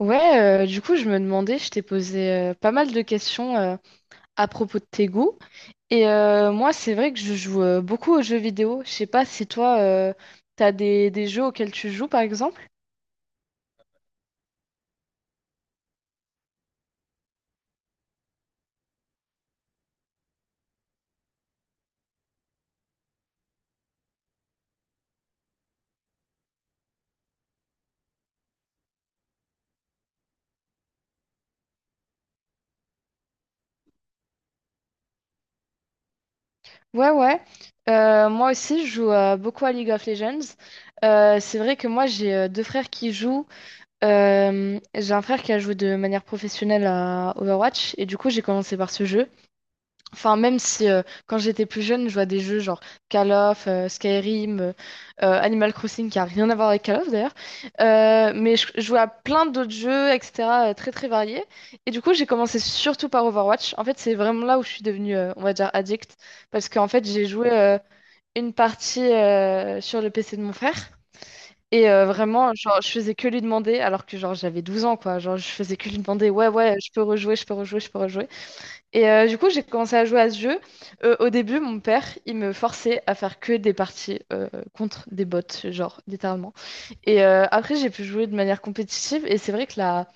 Ouais, du coup, je me demandais, je t'ai posé pas mal de questions à propos de tes goûts. Et moi, c'est vrai que je joue beaucoup aux jeux vidéo. Je sais pas si toi, t'as des jeux auxquels tu joues, par exemple. Ouais, ouais. Moi aussi, je joue beaucoup à League of Legends. C'est vrai que moi, j'ai deux frères qui jouent. J'ai un frère qui a joué de manière professionnelle à Overwatch. Et du coup, j'ai commencé par ce jeu. Enfin, même si quand j'étais plus jeune, je vois des jeux genre Call of, Skyrim, Animal Crossing, qui a rien à voir avec Call of d'ailleurs. Mais je jouais à plein d'autres jeux, etc., très très variés. Et du coup, j'ai commencé surtout par Overwatch. En fait, c'est vraiment là où je suis devenue, on va dire, addict. Parce qu'en fait, j'ai joué une partie sur le PC de mon frère. Et vraiment, genre, je faisais que lui demander, alors que genre j'avais 12 ans, quoi. Genre, je faisais que lui demander, ouais, ouais, je peux rejouer, je peux rejouer, je peux rejouer. Et du coup, j'ai commencé à jouer à ce jeu. Au début, mon père, il me forçait à faire que des parties contre des bots, genre, littéralement. Et après, j'ai pu jouer de manière compétitive. Et c'est vrai que la,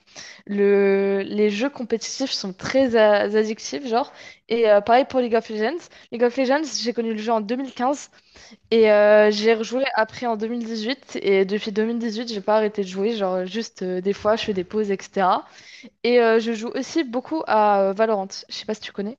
le, les jeux compétitifs sont très addictifs, genre. Et pareil pour League of Legends. League of Legends, j'ai connu le jeu en 2015 et j'ai rejoué après en 2018. Et depuis 2018, j'ai pas arrêté de jouer. Genre, juste des fois, je fais des pauses, etc. Et je joue aussi beaucoup à Valorant. Je sais pas si tu connais.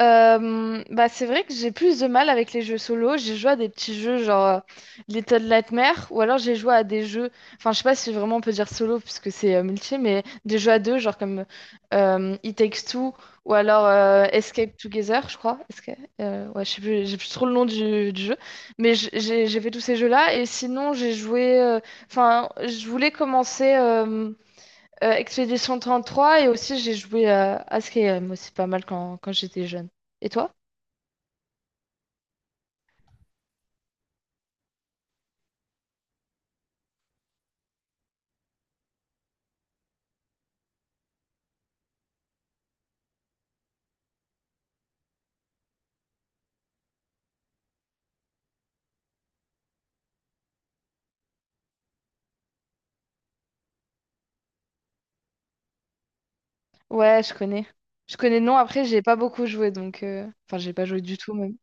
Bah c'est vrai que j'ai plus de mal avec les jeux solo. J'ai joué à des petits jeux genre Little Nightmares ou alors j'ai joué à des jeux, enfin je sais pas si vraiment on peut dire solo puisque c'est multi, mais des jeux à deux genre comme It Takes Two ou alors Escape Together, je crois. Ouais, je sais plus, j'ai plus trop le nom du jeu, mais j'ai fait tous ces jeux-là et sinon j'ai joué, enfin je voulais commencer. Expedition 3 et aussi j'ai joué à Skyrim aussi pas mal quand, quand j'étais jeune. Et toi? Ouais, je connais. Je connais non, après j'ai pas beaucoup joué donc enfin j'ai pas joué du tout même.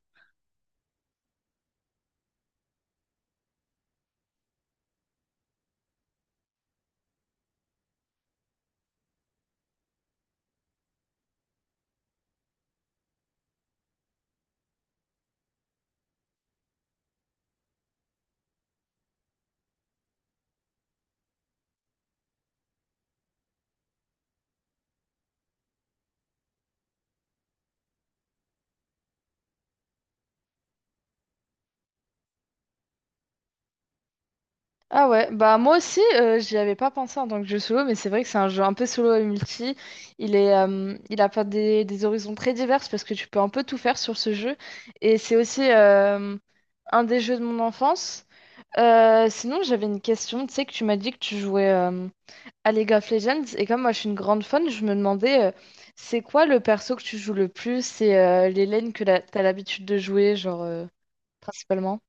Ah ouais, bah moi aussi, j'y avais pas pensé en tant que jeu solo, mais c'est vrai que c'est un jeu un peu solo et multi. Il est, il a pas des horizons très divers parce que tu peux un peu tout faire sur ce jeu. Et c'est aussi un des jeux de mon enfance. Sinon, j'avais une question, tu sais que tu m'as dit que tu jouais à League of Legends, et comme moi je suis une grande fan, je me demandais, c'est quoi le perso que tu joues le plus et les lanes que t'as l'habitude de jouer, genre, principalement?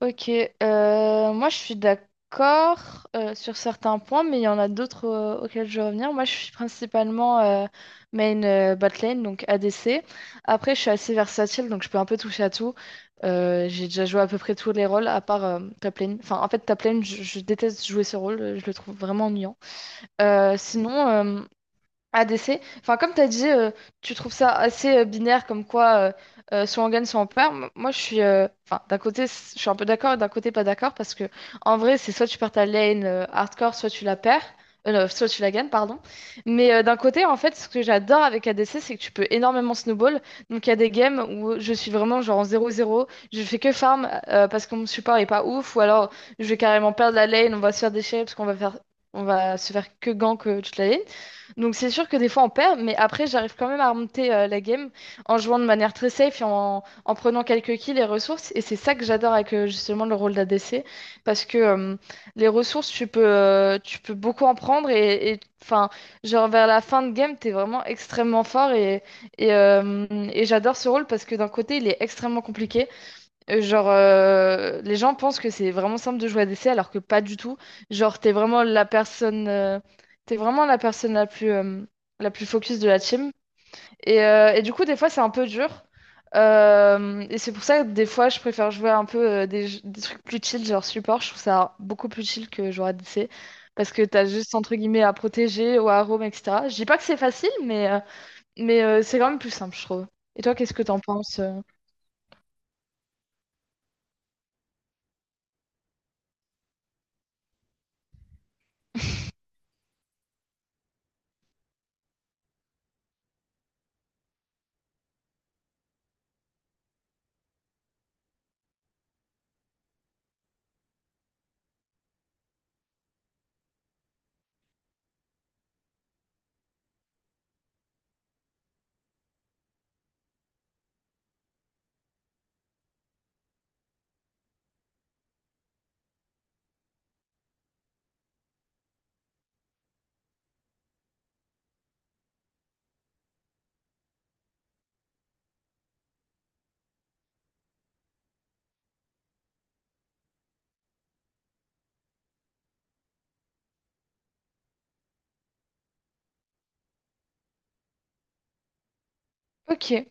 Ok, moi je suis d'accord sur certains points, mais il y en a d'autres auxquels je vais revenir. Moi je suis principalement main botlane, donc ADC. Après je suis assez versatile, donc je peux un peu toucher à tout. J'ai déjà joué à peu près tous les rôles, à part top lane. Enfin en fait top lane, je déteste jouer ce rôle, je le trouve vraiment ennuyant. Euh, sinon, euh, ADC. Enfin, comme tu as dit, tu trouves ça assez binaire comme quoi soit on gagne, soit on perd. Moi, je suis. Enfin, d'un côté, je suis un peu d'accord et d'un côté, pas d'accord parce que en vrai, c'est soit tu perds ta lane hardcore, soit tu la perds. Non, soit tu la gagnes, pardon. Mais d'un côté, en fait, ce que j'adore avec ADC, c'est que tu peux énormément snowball. Donc, il y a des games où je suis vraiment genre en 0-0, je fais que farm parce que mon support est pas ouf, ou alors je vais carrément perdre la lane, on va se faire déchirer parce qu'on va faire, on va se faire que gank toute la lane. Donc c'est sûr que des fois on perd, mais après j'arrive quand même à remonter la game en jouant de manière très safe et en prenant quelques kills et ressources. Et c'est ça que j'adore avec justement le rôle d'ADC, parce que les ressources tu peux beaucoup en prendre enfin genre vers la fin de game t'es vraiment extrêmement fort et, euh, et j'adore ce rôle parce que d'un côté il est extrêmement compliqué. Les gens pensent que c'est vraiment simple de jouer à DC alors que pas du tout. Genre, t'es vraiment la personne la plus focus de la team. Et du coup, des fois, c'est un peu dur. Et c'est pour ça que des fois, je préfère jouer un peu des trucs plus chill, genre support. Je trouve ça beaucoup plus chill que jouer à DC parce que t'as juste entre guillemets à protéger ou à roam, etc. Je dis pas que c'est facile, mais c'est quand même plus simple, je trouve. Et toi, qu'est-ce que t'en penses? Ok.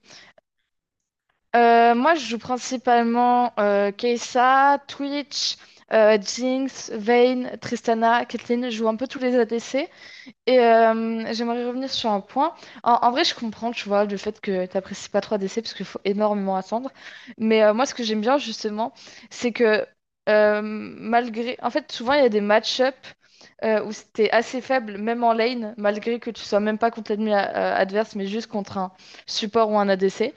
Moi, je joue principalement Kai'Sa, Twitch, Jinx, Vayne, Tristana, Caitlyn. Je joue un peu tous les ADC. Et j'aimerais revenir sur un point. En vrai, je comprends, tu vois, le fait que t'apprécies pas trop ADC parce qu'il faut énormément attendre. Mais moi, ce que j'aime bien, justement, c'est que malgré… En fait, souvent, il y a des match-up où c'était assez faible, même en lane, malgré que tu sois même pas contre l'ennemi adverse, mais juste contre un support ou un ADC.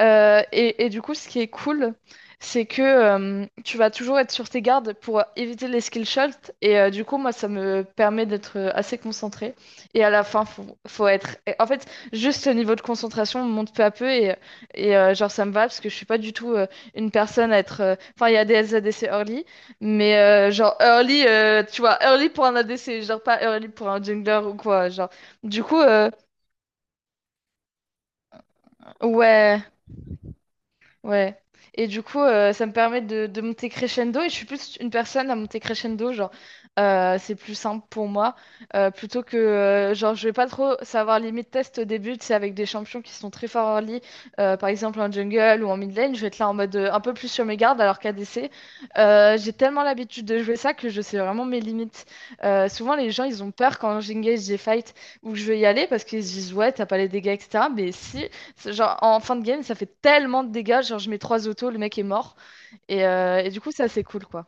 Et du coup, ce qui est cool, c'est que tu vas toujours être sur tes gardes pour éviter les skill shots. Et du coup, moi, ça me permet d'être assez concentré. Et à la fin, faut être. En fait, juste le niveau de concentration monte peu à peu. Genre, ça me va parce que je suis pas du tout une personne à être. Enfin, il y a des ADC early, mais genre early, tu vois, early pour un ADC, genre pas early pour un jungler ou quoi. Genre, du coup, ouais. Ouais. Et du coup, ça me permet de monter crescendo. Et je suis plus une personne à monter crescendo, genre, c'est plus simple pour moi. Plutôt que, genre, je vais pas trop savoir limite test au début, c'est avec des champions qui sont très forts early, par exemple en jungle ou en mid lane, je vais être là en mode un peu plus sur mes gardes, alors qu'ADC, j'ai tellement l'habitude de jouer ça que je sais vraiment mes limites. Souvent, les gens, ils ont peur quand j'engage des fights où je vais y aller parce qu'ils se disent, ouais, t'as pas les dégâts, etc. Mais si. C'est Genre, en fin de game, ça fait tellement de dégâts. Genre, je mets trois autos, le mec est mort. Et du coup, ça, c'est cool, quoi.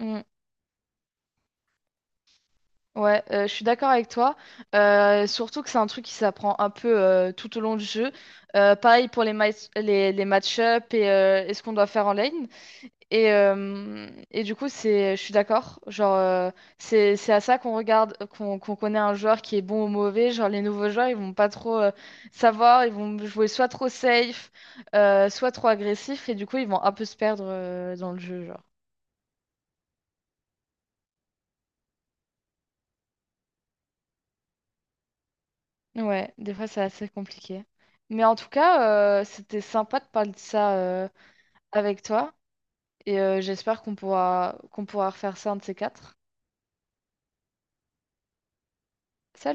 Mm. Ouais, je suis d'accord avec toi. Surtout que c'est un truc qui s'apprend un peu tout au long du jeu. Pareil pour les match-up et ce qu'on doit faire en lane. Et du coup, je suis d'accord. Genre, c'est à ça qu'on regarde, qu'on connaît un joueur qui est bon ou mauvais. Genre, les nouveaux joueurs, ils vont pas trop savoir. Ils vont jouer soit trop safe, soit trop agressif. Et du coup, ils vont un peu se perdre dans le jeu, genre. Ouais, des fois, c'est assez compliqué. Mais en tout cas, c'était sympa de parler de ça avec toi. Et j'espère qu'on pourra refaire ça un de ces quatre. Salut!